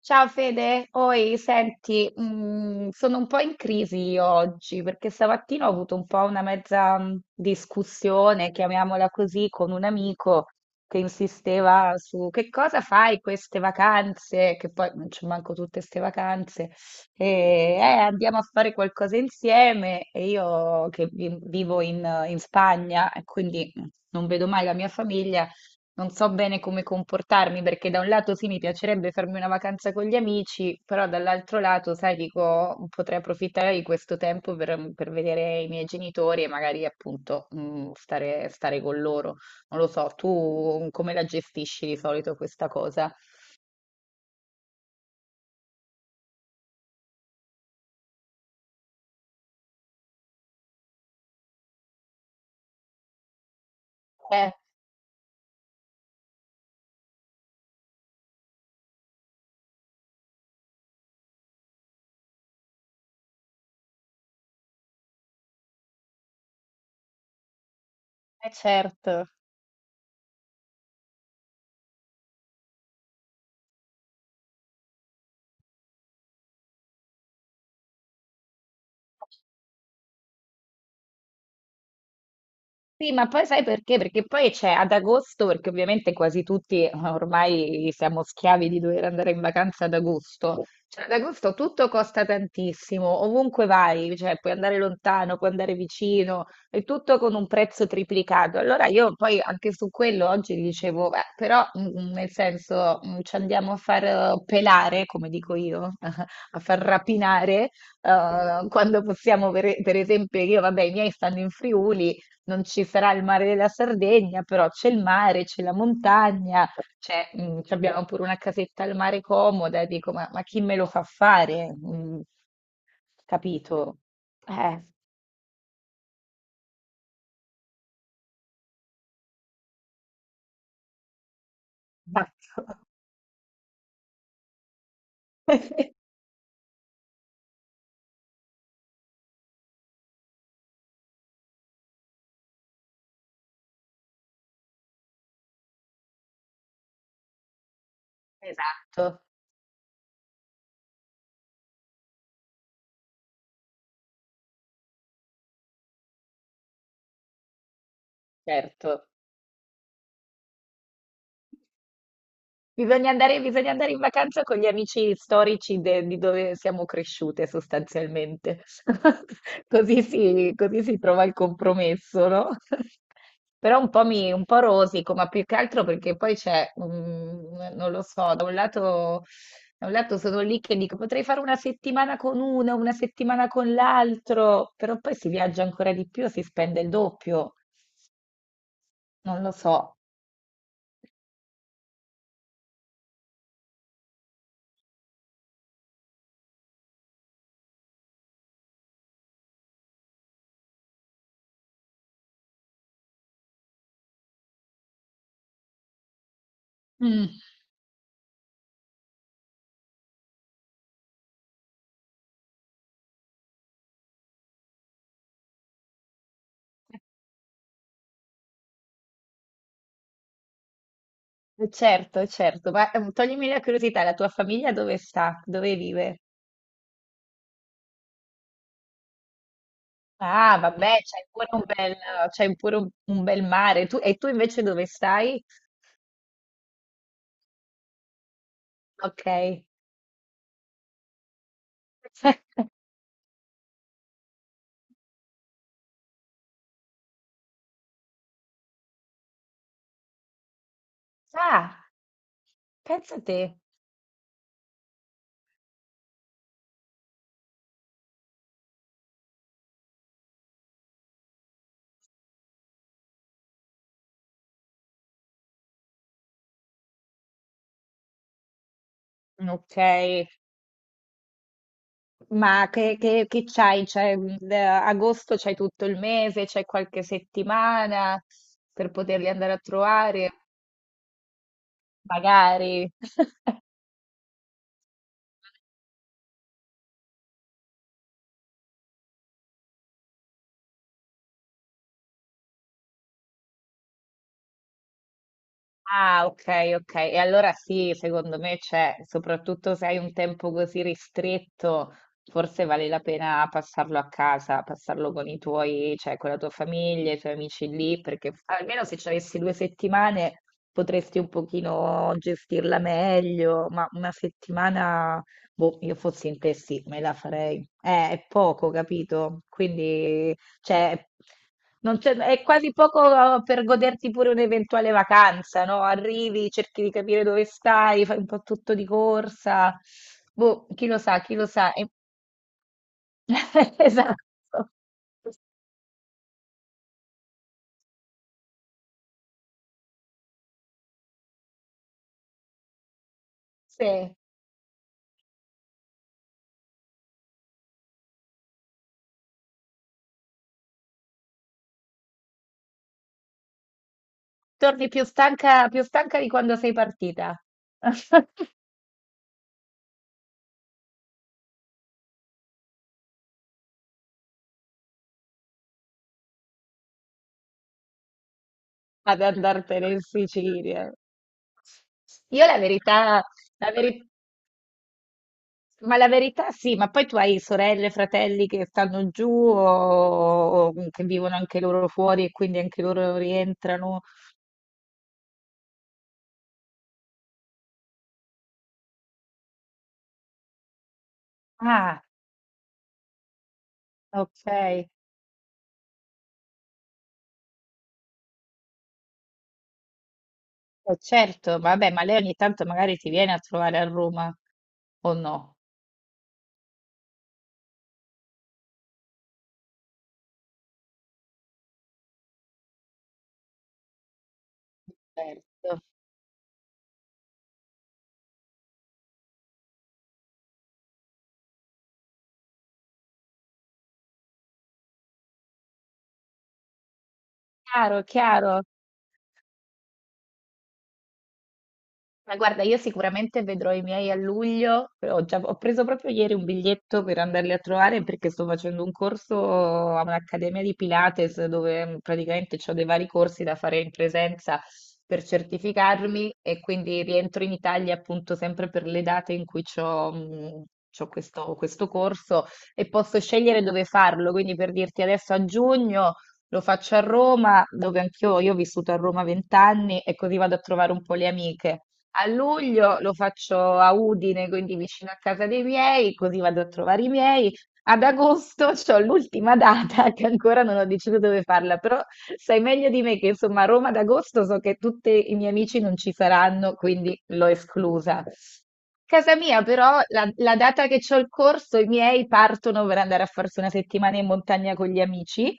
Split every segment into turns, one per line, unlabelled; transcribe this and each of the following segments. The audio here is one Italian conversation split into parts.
Ciao Fede, oi, senti, sono un po' in crisi io oggi perché stamattina ho avuto un po' una mezza discussione, chiamiamola così, con un amico che insisteva su che cosa fai queste vacanze, che poi non c'è manco tutte queste vacanze, e andiamo a fare qualcosa insieme e io che vivo in Spagna e quindi non vedo mai la mia famiglia. Non so bene come comportarmi perché da un lato sì, mi piacerebbe farmi una vacanza con gli amici, però dall'altro lato, sai, dico, potrei approfittare di questo tempo per vedere i miei genitori e magari appunto stare con loro. Non lo so, tu come la gestisci di solito questa cosa? Eh, certo. Sì, ma poi sai perché? Perché poi c'è ad agosto, perché ovviamente quasi tutti ormai siamo schiavi di dover andare in vacanza ad agosto. Cioè, ad agosto tutto costa tantissimo, ovunque vai, cioè puoi andare lontano, puoi andare vicino, e tutto con un prezzo triplicato. Allora io poi anche su quello oggi dicevo, beh, però nel senso ci andiamo a far pelare, come dico io, a far rapinare quando possiamo, per esempio, io, vabbè, i miei stanno in Friuli, non ci sarà il mare della Sardegna, però c'è il mare, c'è la montagna, c'è, ci abbiamo pure una casetta al mare comoda, e dico, ma chi me lo fa fare? Capito? Eh, esatto, esatto, certo. Bisogna andare in vacanza con gli amici storici di dove siamo cresciute sostanzialmente. Così si trova il compromesso, no? Però un po' rosico, ma più che altro perché poi c'è, non lo so, da un lato sono lì che dico potrei fare una settimana con uno, una settimana con l'altro, però poi si viaggia ancora di più, si spende il doppio, non lo so. Mm. Certo, certo, ma toglimi la curiosità, la tua famiglia dove sta? Dove vive? Ah, vabbè, c'hai pure un bel mare. E tu invece dove stai? Ok. Ah, pensa a te. Ok, che c'hai? Da agosto c'hai tutto il mese, c'hai qualche settimana per poterli andare a trovare? Magari. Ah, ok, ok. E allora sì, secondo me c'è, soprattutto se hai un tempo così ristretto, forse vale la pena passarlo a casa, passarlo con i tuoi, cioè con la tua famiglia, i tuoi amici lì, perché almeno se ci avessi due settimane potresti un pochino gestirla meglio, ma una settimana, boh, io fossi in te sì, me la farei. È poco, capito? Quindi cioè, non c'è- è quasi poco oh, per goderti pure un'eventuale vacanza, no? Arrivi, cerchi di capire dove stai, fai un po' tutto di corsa. Boh, chi lo sa, chi lo sa. E- Esatto. Sì. Torni più stanca di quando sei partita ad andartene in Sicilia. Io la verità, la veri- sì. Ma la verità sì, ma poi tu hai sorelle, fratelli che stanno giù o che vivono anche loro fuori e quindi anche loro rientrano. Ah, ok, eh, certo, vabbè, ma lei ogni tanto magari ti viene a trovare a Roma o no? Certo. Chiaro, chiaro. Ma guarda, io sicuramente vedrò i miei a luglio. Ho preso proprio ieri un biglietto per andarli a trovare perché sto facendo un corso a un'accademia di Pilates dove praticamente ho dei vari corsi da fare in presenza per certificarmi e quindi rientro in Italia appunto sempre per le date in cui ho questo corso e posso scegliere dove farlo. Quindi per dirti adesso a giugno. Lo faccio a Roma, dove anch'io io ho vissuto a Roma vent'anni e così vado a trovare un po' le amiche. A luglio lo faccio a Udine, quindi vicino a casa dei miei, così vado a trovare i miei. Ad agosto c'ho l'ultima data che ancora non ho deciso dove farla, però sai meglio di me che insomma a Roma ad agosto so che tutti i miei amici non ci saranno, quindi l'ho esclusa. Casa mia però, la data che c'ho il corso, i miei partono per andare a farsi una settimana in montagna con gli amici.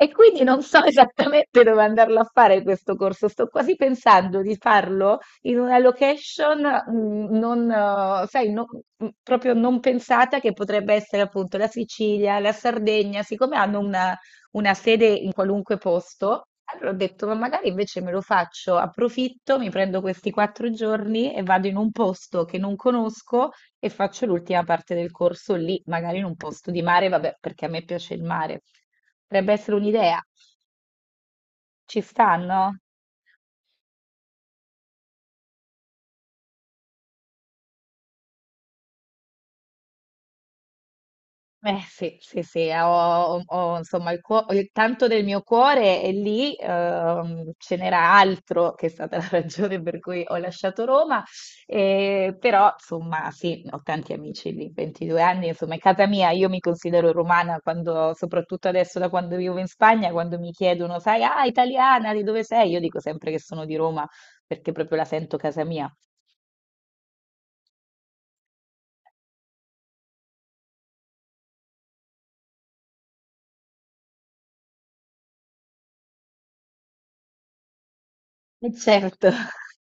E quindi non so esattamente dove andarlo a fare questo corso. Sto quasi pensando di farlo in una location mm, non, sai, no- mm, proprio non pensata che potrebbe essere appunto la Sicilia, la Sardegna, siccome hanno una sede in qualunque posto, allora ho detto, ma magari invece me lo faccio, approfitto, mi prendo questi quattro giorni e vado in un posto che non conosco e faccio l'ultima parte del corso lì, magari in un posto di mare, vabbè, perché a me piace il mare. Potrebbe essere un'idea, ci stanno? Eh sì, sì, sì, ho, insomma il tanto del mio cuore è lì, ce n'era altro che è stata la ragione per cui ho lasciato Roma, però insomma sì, ho tanti amici lì, 22 anni, insomma è casa mia, io mi considero romana quando, soprattutto adesso da quando vivo in Spagna, quando mi chiedono, sai, ah, italiana, di dove sei? Io dico sempre che sono di Roma perché proprio la sento casa mia. E certo,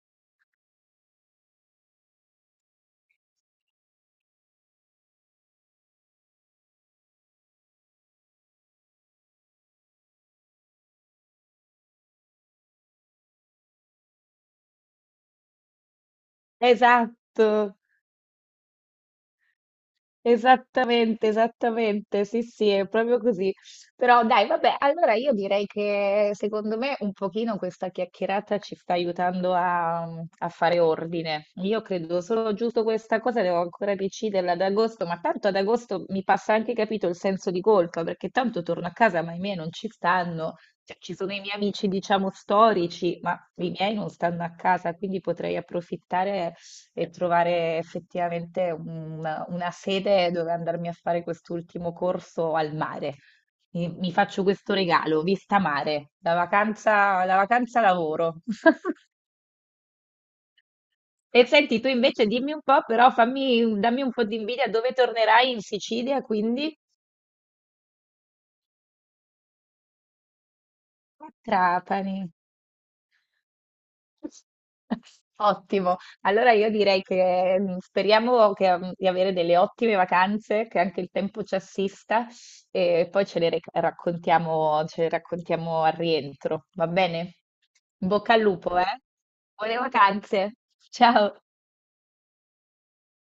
esatto. Esattamente, esattamente, sì, sì, è proprio così. Però dai, vabbè, allora io direi che secondo me un pochino questa chiacchierata ci sta aiutando a fare ordine. Io credo solo giusto questa cosa, devo ancora decidere ad agosto, ma tanto ad agosto mi passa anche capito il senso di colpa, perché tanto torno a casa, ma i miei non ci stanno. Cioè, ci sono i miei amici, diciamo, storici, ma i miei non stanno a casa, quindi potrei approfittare e trovare effettivamente una sede dove andarmi a fare quest'ultimo corso al mare. Mi faccio questo regalo, vista mare, la vacanza lavoro. E senti, tu invece dimmi un po', però dammi un po' di invidia, dove tornerai in Sicilia, quindi? A Trapani. Ottimo, allora io direi che speriamo di avere delle ottime vacanze, che anche il tempo ci assista e poi raccontiamo, ce le raccontiamo al rientro, va bene? In bocca al lupo, eh? Buone vacanze, ciao!